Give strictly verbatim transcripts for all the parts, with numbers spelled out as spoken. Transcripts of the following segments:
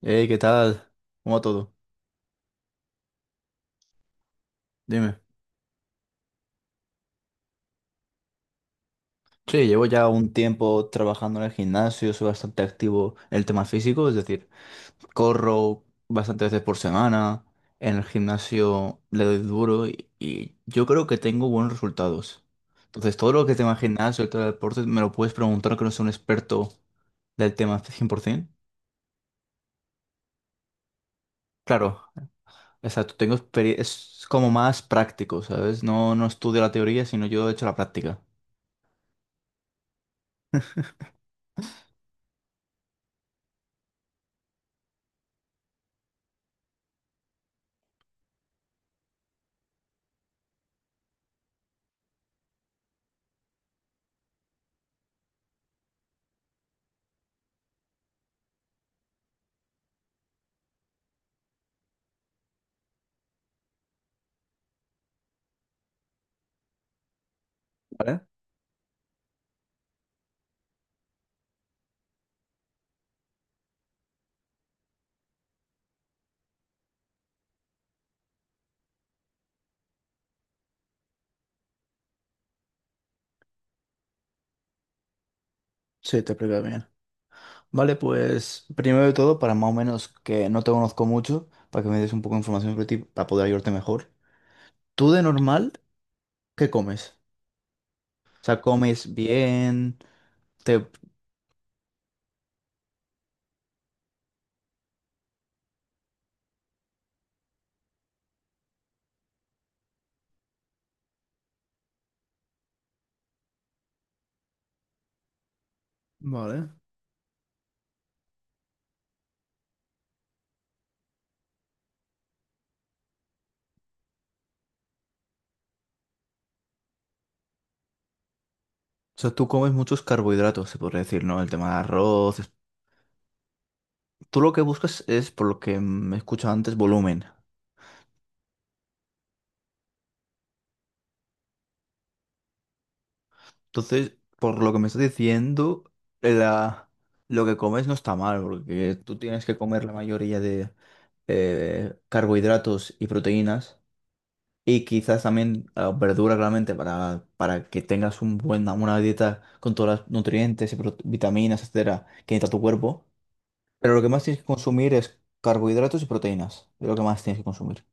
Hey, ¿qué tal? ¿Cómo va todo? Dime. Sí, llevo ya un tiempo trabajando en el gimnasio, soy bastante activo en el tema físico, es decir, corro bastantes veces por semana, en el gimnasio le doy duro y, y yo creo que tengo buenos resultados. Entonces, todo lo que tema gimnasio y todo el deporte me lo puedes preguntar que no soy un experto del tema cien por ciento. Claro, exacto, tengo experiencia, es como más práctico, ¿sabes? No, no estudio la teoría, sino yo he hecho la práctica. ¿Vale? Sí, te explico bien. Vale, pues primero de todo, para más o menos que no te conozco mucho, para que me des un poco de información sobre ti, para poder ayudarte mejor. ¿Tú de normal qué comes? O sea, ¿comes bien? Te... Vale. O sea, tú comes muchos carbohidratos, se podría decir, ¿no? El tema de arroz. es- Tú lo que buscas es, por lo que me he escuchado antes, volumen. Entonces, por lo que me estás diciendo, la... lo que comes no está mal, porque tú tienes que comer la mayoría de eh, carbohidratos y proteínas. Y quizás también verduras verdura, claramente, para, para que tengas un buena, una dieta con todas los nutrientes y pro- vitaminas, etcétera, que necesita tu cuerpo. Pero lo que más tienes que consumir es carbohidratos y proteínas. Es lo que más tienes que consumir.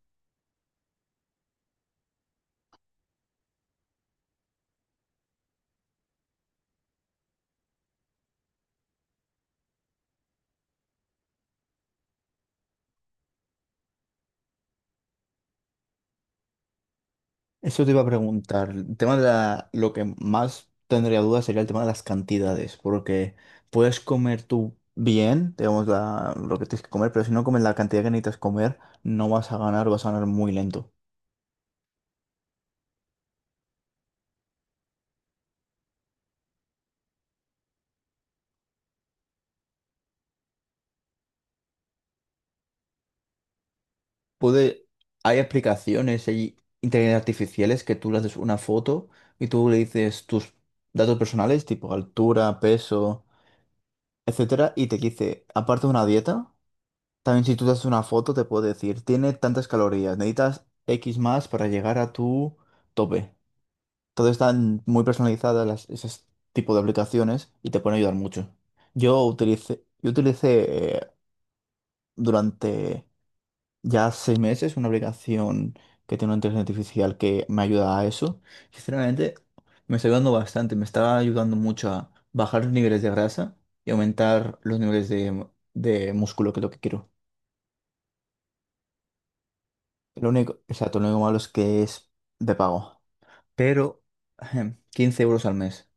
Eso te iba a preguntar. El tema de la, lo que más tendría dudas sería el tema de las cantidades, porque puedes comer tú bien, digamos, la- lo que tienes que comer, pero si no comes la cantidad que necesitas comer, no vas a ganar, vas a ganar muy lento. Puede, hay aplicaciones, hay inteligencias artificiales que tú le haces una foto y tú le dices tus datos personales, tipo altura, peso, etcétera, y te dice, aparte de una dieta, también si tú te haces una foto te puede decir, tiene tantas calorías, necesitas X más para llegar a tu tope. Todo están muy personalizadas las, ese tipo de aplicaciones y te pueden ayudar mucho. Yo utilicé, yo utilicé eh, durante ya seis meses, una aplicación que tiene una inteligencia artificial que me ayuda a eso. Sinceramente, me está ayudando bastante, me está ayudando mucho a bajar los niveles de grasa y aumentar los niveles de, de músculo, que es lo que quiero. Lo único, exacto, lo único malo es que es de pago, pero ejem, quince euros al mes.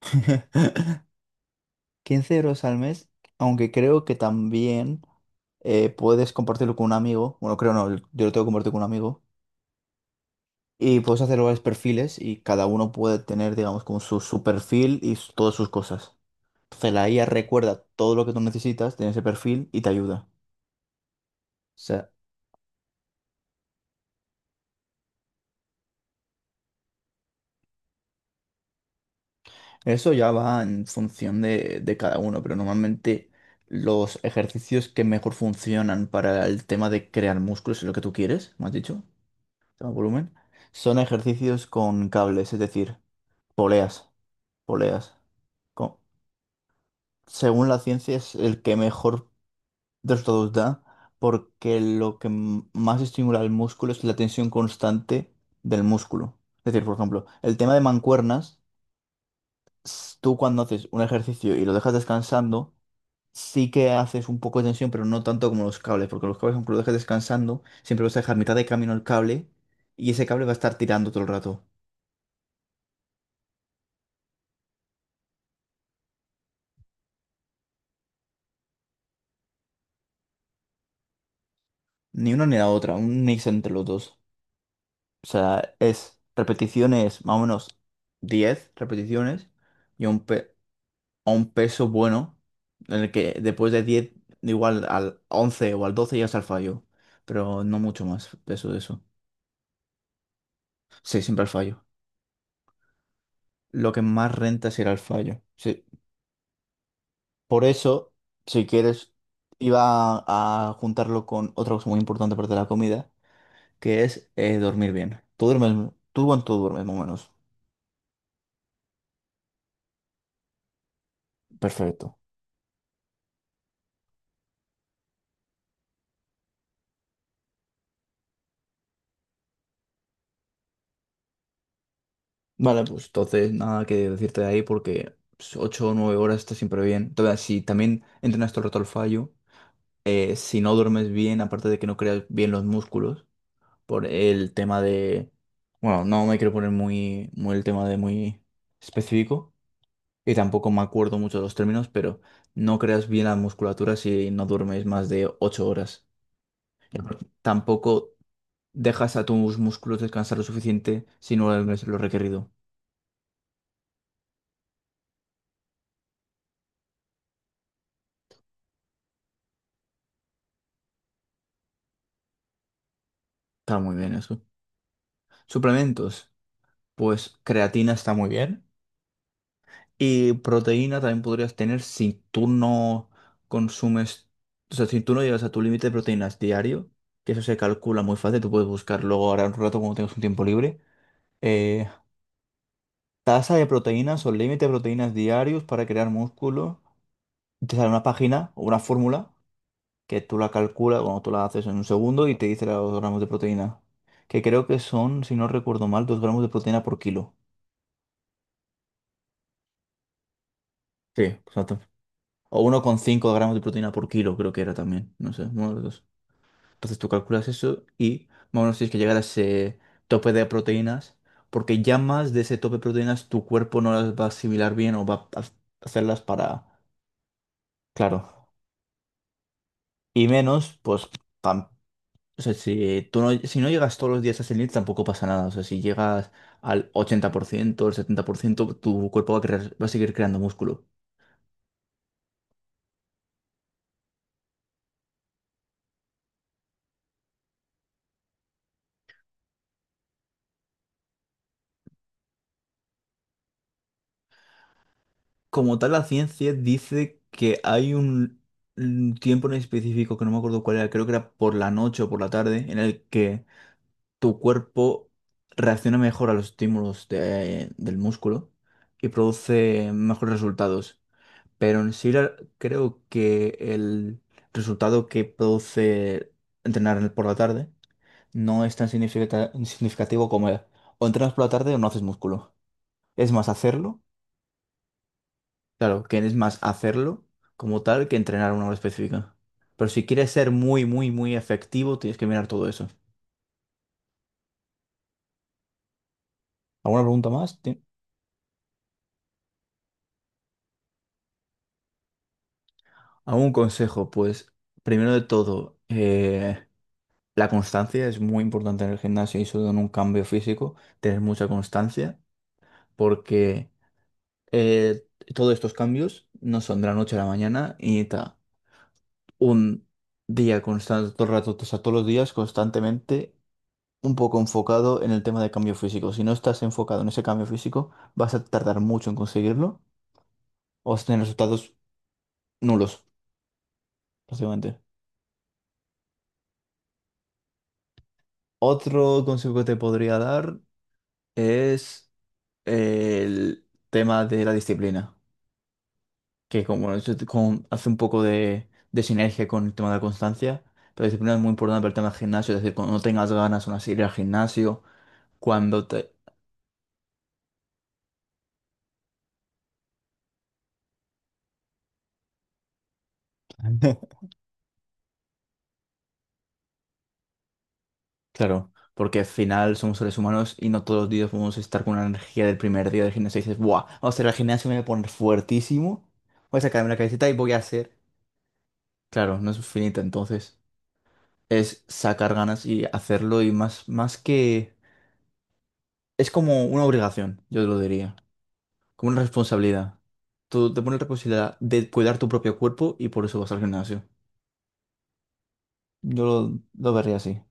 Quince euros al mes, aunque creo que también eh, puedes compartirlo con un amigo. Bueno, creo no, yo lo tengo que compartir con un amigo. Y puedes hacer varios perfiles y cada uno puede tener, digamos, como su, su perfil y su- todas sus cosas. Entonces la I A recuerda todo lo que tú necesitas de ese perfil y te ayuda. O sea, eso ya va en función de, de cada uno, pero normalmente los ejercicios que mejor funcionan para el tema de crear músculos, es lo que tú quieres, me has dicho, tema volumen, son ejercicios con cables, es decir, poleas, poleas. Co- Según la ciencia es el que mejor de los dos da, porque lo que m- más estimula el músculo es la tensión constante del músculo. Es decir, por ejemplo, el tema de mancuernas, s- tú cuando haces un ejercicio y lo dejas descansando, sí que haces un poco de tensión, pero no tanto como los cables, porque los cables, aunque lo dejes descansando, siempre vas a dejar mitad de camino el cable y ese cable va a estar tirando todo el rato. Ni una ni la otra, un mix entre los dos. O sea, es repeticiones más o menos diez repeticiones y un, pe- a un peso bueno, en el que después de diez igual al once o al doce ya está el fallo, pero no mucho más peso de eso. Sí, siempre al fallo. Lo que más renta será el fallo. Sí. Por eso, si quieres, iba a juntarlo con otra cosa muy importante aparte de la comida, que es eh, dormir bien. Tú duermes, tú cuánto duermes más o menos. Perfecto. Vale, pues entonces nada que decirte de ahí porque ocho o nueve horas está siempre bien. Entonces, si también entrenas todo el rato al fallo. eh, si no duermes bien, aparte de que no creas bien los músculos, por el tema de, bueno, no me quiero poner muy, muy el tema de muy específico y tampoco me acuerdo mucho de los términos, pero no creas bien la musculatura si no duermes más de ocho horas. Y aparte, tampoco dejas a tus músculos descansar lo suficiente si no duermes lo requerido. Está muy bien eso. Suplementos, pues creatina está muy bien. Y proteína también podrías tener si tú no consumes, o sea, si tú no llegas a tu límite de proteínas diario, que eso se calcula muy fácil, tú puedes buscar luego ahora un rato cuando tengas un tiempo libre. eh, tasa de proteínas o límite de proteínas diarios para crear músculo. Y te sale una página o una fórmula que tú la calculas, bueno, tú la haces en un segundo y te dice los gramos de proteína. Que creo que son, si no recuerdo mal, dos gramos de proteína por kilo. Sí, exacto. O uno coma cinco gramos de proteína por kilo, creo que era también. No sé, entonces tú calculas eso y más o menos tienes que llegar a ese tope de proteínas, porque ya más de ese tope de proteínas tu cuerpo no las va a asimilar bien o va a hacerlas para... Claro. Y menos, pues, pam. O sea, si tú no, si no llegas todos los días a ese límite tampoco pasa nada. O sea, si llegas al ochenta por ciento, al setenta por ciento, tu cuerpo va a crear- va a seguir creando músculo. Como tal, la ciencia dice que hay un un tiempo en específico, que no me acuerdo cuál era, creo que era por la noche o por la tarde, en el que tu cuerpo reacciona mejor a los estímulos de- del músculo y produce mejores resultados. Pero en sí la- creo que el resultado que produce entrenar por la tarde no es tan significata- significativo como el, o entrenas por la tarde o no haces músculo. Es más hacerlo, claro, que es más hacerlo como tal que entrenar una hora específica. Pero si quieres ser muy, muy, muy efectivo, tienes que mirar todo eso. ¿Alguna pregunta más? A un consejo, pues, primero de todo, eh, la constancia es muy importante en el gimnasio y sobre todo en un cambio físico, tener mucha constancia, porque eh, todos estos cambios no son de la noche a la mañana y necesita un día constante, todo el rato, o sea, todos los días constantemente, un poco enfocado en el tema de cambio físico. Si no estás enfocado en ese cambio físico, vas a tardar mucho en conseguirlo o vas a tener resultados nulos, básicamente. Otro consejo que te podría dar es el tema de la disciplina, que como eso te- con- hace un poco de, de sinergia con el tema de la constancia, pero la disciplina es muy importante para el tema del gimnasio, es decir, cuando no tengas ganas aún así de ir al gimnasio, cuando te... Claro, porque al final somos seres humanos y no todos los días podemos estar con la energía del primer día del gimnasio y dices, ¡buah! Vamos a ir al gimnasio, me voy a poner fuertísimo, voy a sacarme la camiseta y voy a hacer... Claro, no es finito, entonces es sacar ganas y hacerlo y más, más que... Es como una obligación, yo lo diría, como una responsabilidad. Tú te pones la responsabilidad de cuidar tu propio cuerpo y por eso vas al gimnasio. Yo lo, lo vería así.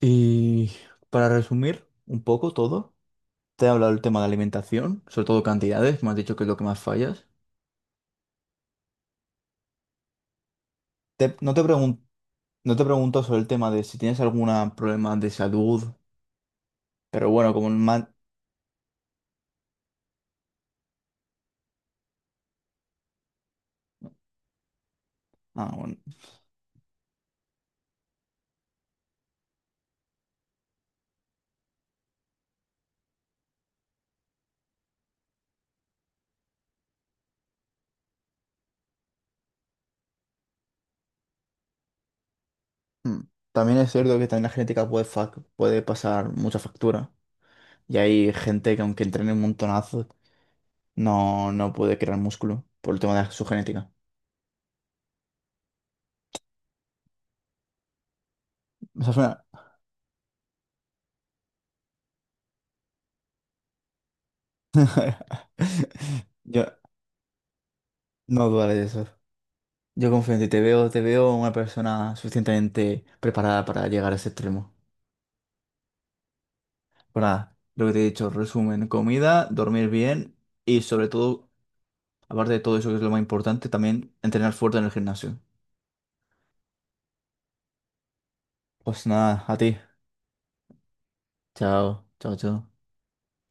Y para resumir un poco todo, te he hablado del tema de alimentación, sobre todo cantidades, me has dicho que es lo que más fallas. Te- no te pregun- no te pregunto sobre el tema de si tienes algún problema de salud, pero bueno, como un man- ah, bueno. Hmm. También es cierto que también la genética puede, fac- puede pasar mucha factura. Y hay gente que aunque entrene un montonazo, no, no puede crear músculo por el tema de su genética. O sea, suena- Yo no dudaré de eso. Yo confío en ti, te veo, te veo una persona suficientemente preparada para llegar a ese extremo. Pero nada, lo que te he dicho, resumen, comida, dormir bien y sobre todo, aparte de todo eso que es lo más importante, también entrenar fuerte en el gimnasio. Pues nada, a ti. Chao, chao, chao.